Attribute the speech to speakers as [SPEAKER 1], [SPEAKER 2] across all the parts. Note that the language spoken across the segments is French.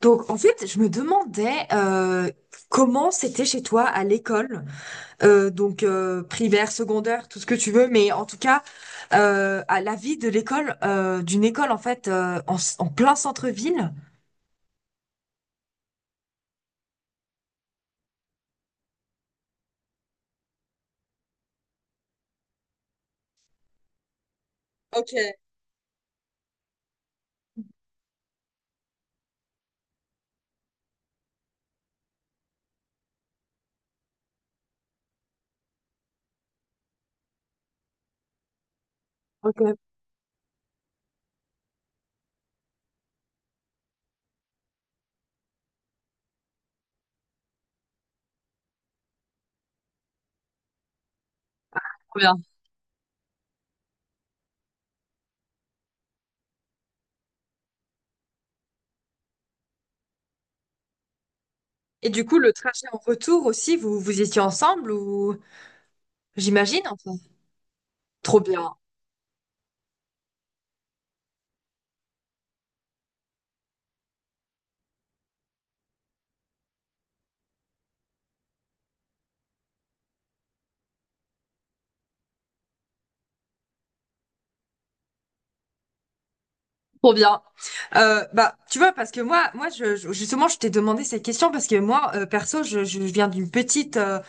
[SPEAKER 1] Donc, en fait, je me demandais comment c'était chez toi à l'école, primaire, secondaire, tout ce que tu veux, mais en tout cas, à la vie de l'école, d'une école en fait en, s- en plein centre-ville. Ok, trop bien. Et du coup, le trajet en retour aussi, vous vous étiez ensemble ou j'imagine enfin. Trop bien, trop bien. Bah, tu vois, parce que justement, je t'ai demandé cette question parce que moi, perso, je viens d'une petite euh,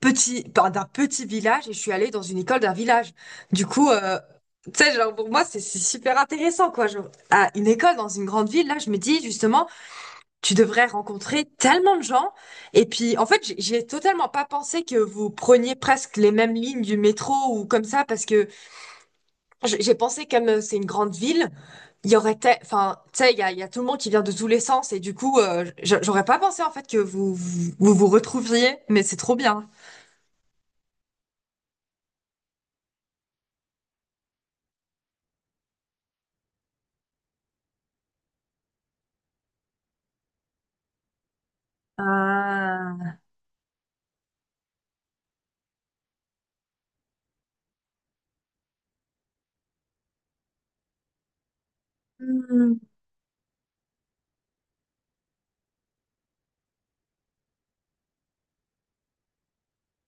[SPEAKER 1] petit, par- d'un petit village et je suis allée dans une école d'un village. Du coup, tu sais, genre pour moi, c'est super intéressant, quoi. Genre, à une école dans une grande ville, là, je me dis justement, tu devrais rencontrer tellement de gens. Et puis, en fait, j'ai totalement pas pensé que vous preniez presque les mêmes lignes du métro ou comme ça, parce que j'ai pensé comme c'est une grande ville, il y aurait, enfin, tu sais, il y a tout le monde qui vient de tous les sens et du coup, j'aurais pas pensé en fait que vous vous retrouviez, mais c'est trop bien. Ah. Hmm.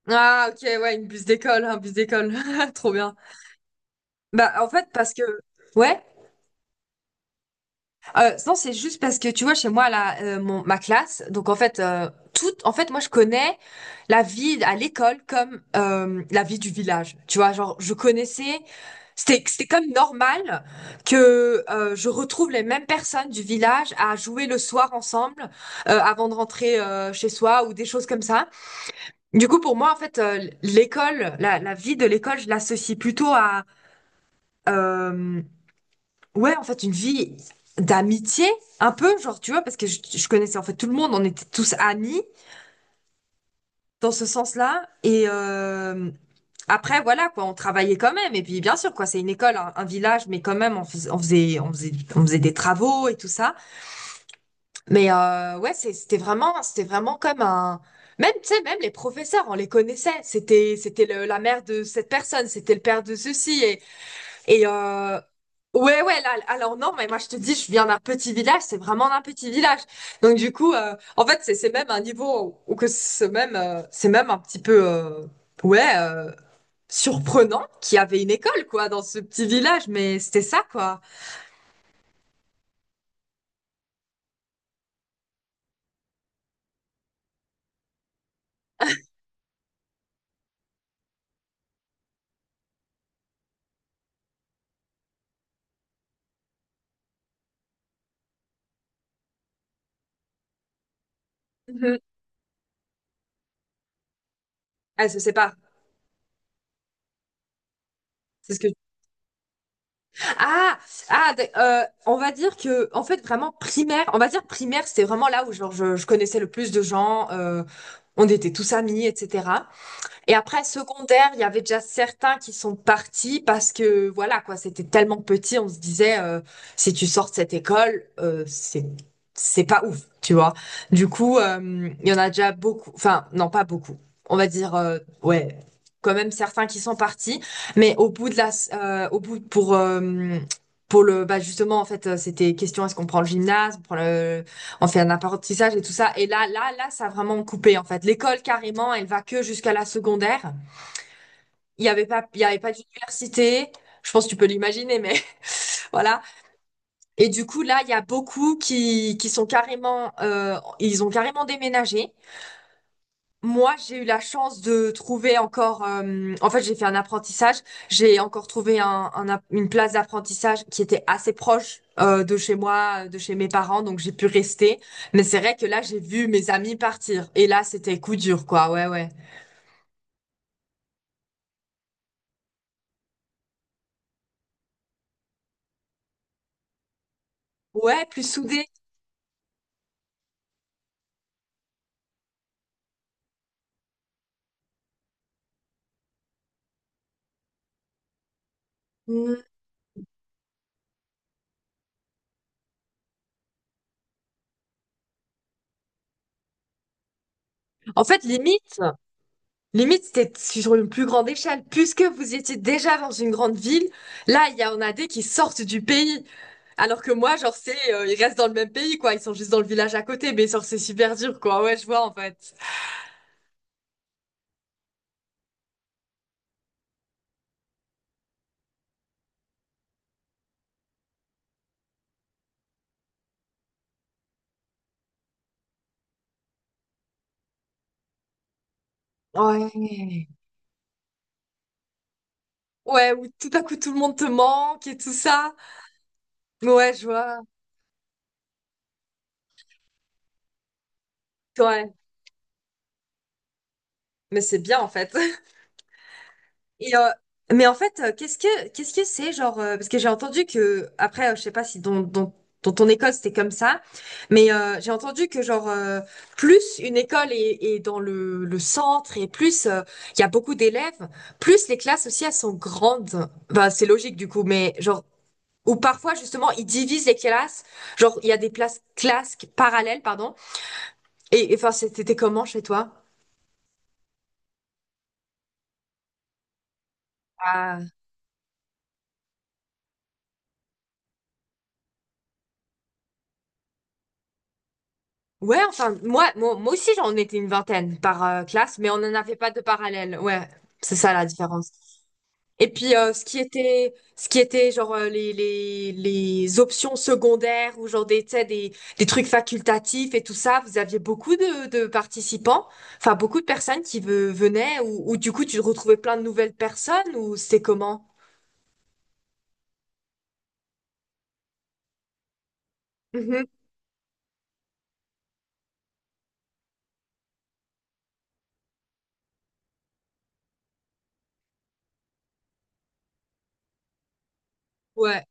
[SPEAKER 1] Ah, ok, ouais, une bus d'école, un bus d'école. Trop bien. Bah, en fait, parce que. Ouais. Non, c'est juste parce que, tu vois, chez moi, là, ma classe, donc en fait, moi, je connais la vie à l'école comme la vie du village. Tu vois, genre, je connaissais. C'était comme normal que je retrouve les mêmes personnes du village à jouer le soir ensemble avant de rentrer chez soi ou des choses comme ça. Du coup, pour moi, en fait, la vie de l'école, je l'associe plutôt à, euh, ouais, en fait, une vie d'amitié, un peu, genre, tu vois, parce que je connaissais en fait tout le monde, on était tous amis dans ce sens-là. Après, voilà, quoi, on travaillait quand même. Et puis, bien sûr, quoi, c'est une école, un village, mais quand même, on faisait des travaux et tout ça. Mais ouais, c'était vraiment comme un. Même, tu sais, même les professeurs, on les connaissait. C'était la mère de cette personne, c'était le père de ceci. Et alors non, mais moi je te dis, je viens d'un petit village, c'est vraiment d'un petit village. Donc du coup, en fait, c'est même un niveau où que c'est même un petit peu, ouais, euh, surprenant qu'il y avait une école, quoi, dans ce petit village. Mais c'était ça, quoi. Mhm. Elle se sépare. C'est ce que Ah, on va dire que, en fait, on va dire primaire, c'était vraiment là où genre, je connaissais le plus de gens, on était tous amis, etc. Et après, secondaire, il y avait déjà certains qui sont partis parce que, voilà, quoi, c'était tellement petit, on se disait, si tu sors de cette école, c'est pas ouf, tu vois. Du coup, il y en a déjà beaucoup, enfin, non, pas beaucoup. On va dire, ouais, quand même certains qui sont partis, mais au bout, bah, justement, en fait, c'était question, est-ce qu'on prend le gymnase, on fait un apprentissage et tout ça. Et là, ça a vraiment coupé en fait. L'école carrément, elle va que jusqu'à la secondaire. Il y avait pas d'université. Je pense que tu peux l'imaginer, mais voilà. Et du coup, là, il y a beaucoup qui sont carrément, ils ont carrément déménagé. Moi, j'ai eu la chance de trouver encore. En fait, j'ai fait un apprentissage. J'ai encore trouvé une place d'apprentissage qui était assez proche de chez moi, de chez mes parents, donc j'ai pu rester. Mais c'est vrai que là, j'ai vu mes amis partir. Et là, c'était coup dur, quoi. Ouais, ouais. Ouais, plus soudé. Mm. En fait, limite, c'était sur une plus grande échelle. Puisque vous étiez déjà dans une grande ville, là, il y en a des qui sortent du pays. Alors que moi, genre, ils restent dans le même pays, quoi. Ils sont juste dans le village à côté, mais genre, c'est super dur, quoi. Ouais, je vois, en fait. Ouais. Ouais, où tout à coup, tout le monde te manque et tout ça. Ouais, je vois. Ouais. Mais c'est bien, en fait. Et, euh, mais en fait, qu'est-ce que c'est genre parce que j'ai entendu que après je sais pas si dans ton école c'était comme ça, mais j'ai entendu que genre plus une école est dans le centre et plus il y a beaucoup d'élèves, plus les classes aussi elles sont grandes. Bah c'est logique du coup, mais genre ou parfois justement ils divisent les classes, genre il y a des places classes parallèles pardon. Et, enfin c'était comment chez toi? Ouais, enfin, moi aussi, j'en étais une vingtaine par classe, mais on n'en avait pas de parallèle. Ouais, c'est ça la différence. Et puis, ce qui était genre les options secondaires ou genre des, tu sais, des trucs facultatifs et tout ça, vous aviez beaucoup de participants, enfin, beaucoup de personnes qui venaient ou du coup, tu retrouvais plein de nouvelles personnes ou c'était comment? Mhm. Ouais,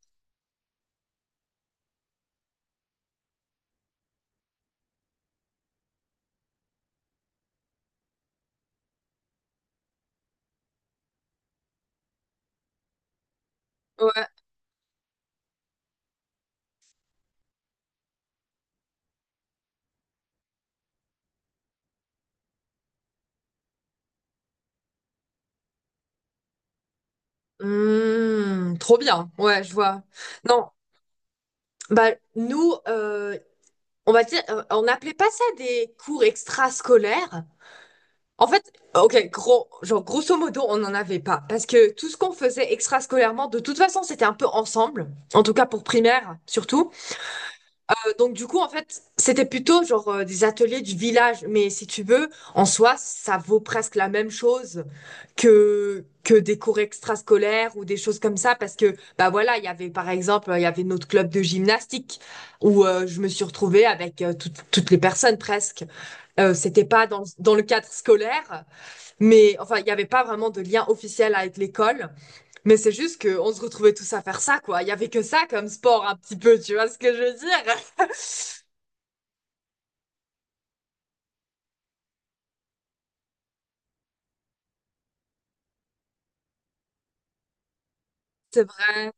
[SPEAKER 1] ouais. Hmm, trop bien. Ouais, je vois. Non, bah nous, on va dire, on n'appelait pas ça des cours extrascolaires. En fait, ok, genre grosso modo, on n'en avait pas parce que tout ce qu'on faisait extrascolairement, de toute façon, c'était un peu ensemble. En tout cas pour primaire, surtout. Donc du coup, en fait, c'était plutôt genre des ateliers du village, mais si tu veux, en soi, ça vaut presque la même chose que des cours extrascolaires ou des choses comme ça, parce que bah voilà, il y avait par exemple, il y avait notre club de gymnastique où je me suis retrouvée avec toutes les personnes presque. C'était pas dans le cadre scolaire, mais enfin, il y avait pas vraiment de lien officiel avec l'école, mais c'est juste que on se retrouvait tous à faire ça quoi. Il y avait que ça comme sport un petit peu, tu vois ce que je veux dire? C'est vrai.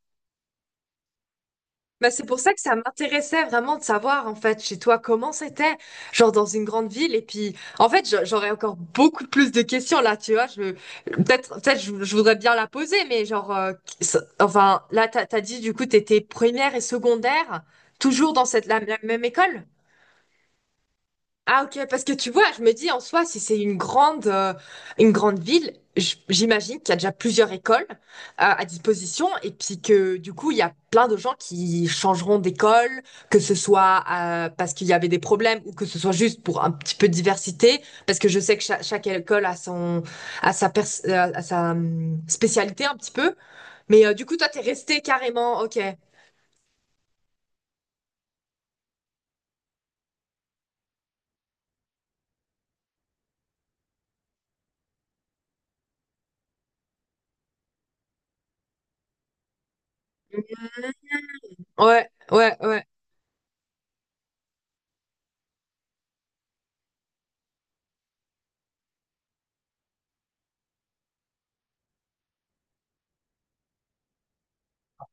[SPEAKER 1] Bah, c'est pour ça que ça m'intéressait vraiment de savoir en fait chez toi comment c'était, genre dans une grande ville. Et puis en fait j'aurais encore beaucoup plus de questions là, tu vois. Je peut-être je voudrais bien la poser, mais genre enfin là t'as dit du coup t'étais première et secondaire toujours dans la même école? Ah ok, parce que tu vois, je me dis en soi, si c'est une une grande ville, j'imagine qu'il y a déjà plusieurs écoles à disposition et puis que du coup, il y a plein de gens qui changeront d'école, que ce soit parce qu'il y avait des problèmes ou que ce soit juste pour un petit peu de diversité, parce que je sais que chaque école a sa, a sa spécialité un petit peu. Mais du coup, toi, t'es resté carrément, ok. Ouais,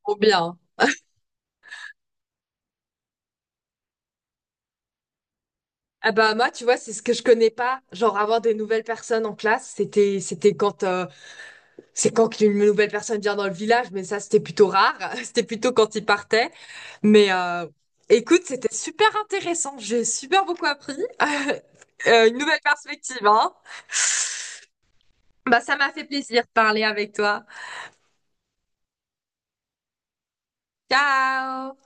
[SPEAKER 1] trop bien. Ah bah moi, tu vois, c'est ce que je connais pas. Genre avoir des nouvelles personnes en classe, c'était quand c'est quand qu'une nouvelle personne vient dans le village, mais ça c'était plutôt rare. C'était plutôt quand ils partaient. Mais écoute, c'était super intéressant. J'ai super beaucoup appris. Une nouvelle perspective, hein. Bah ça m'a fait plaisir de parler avec toi. Ciao!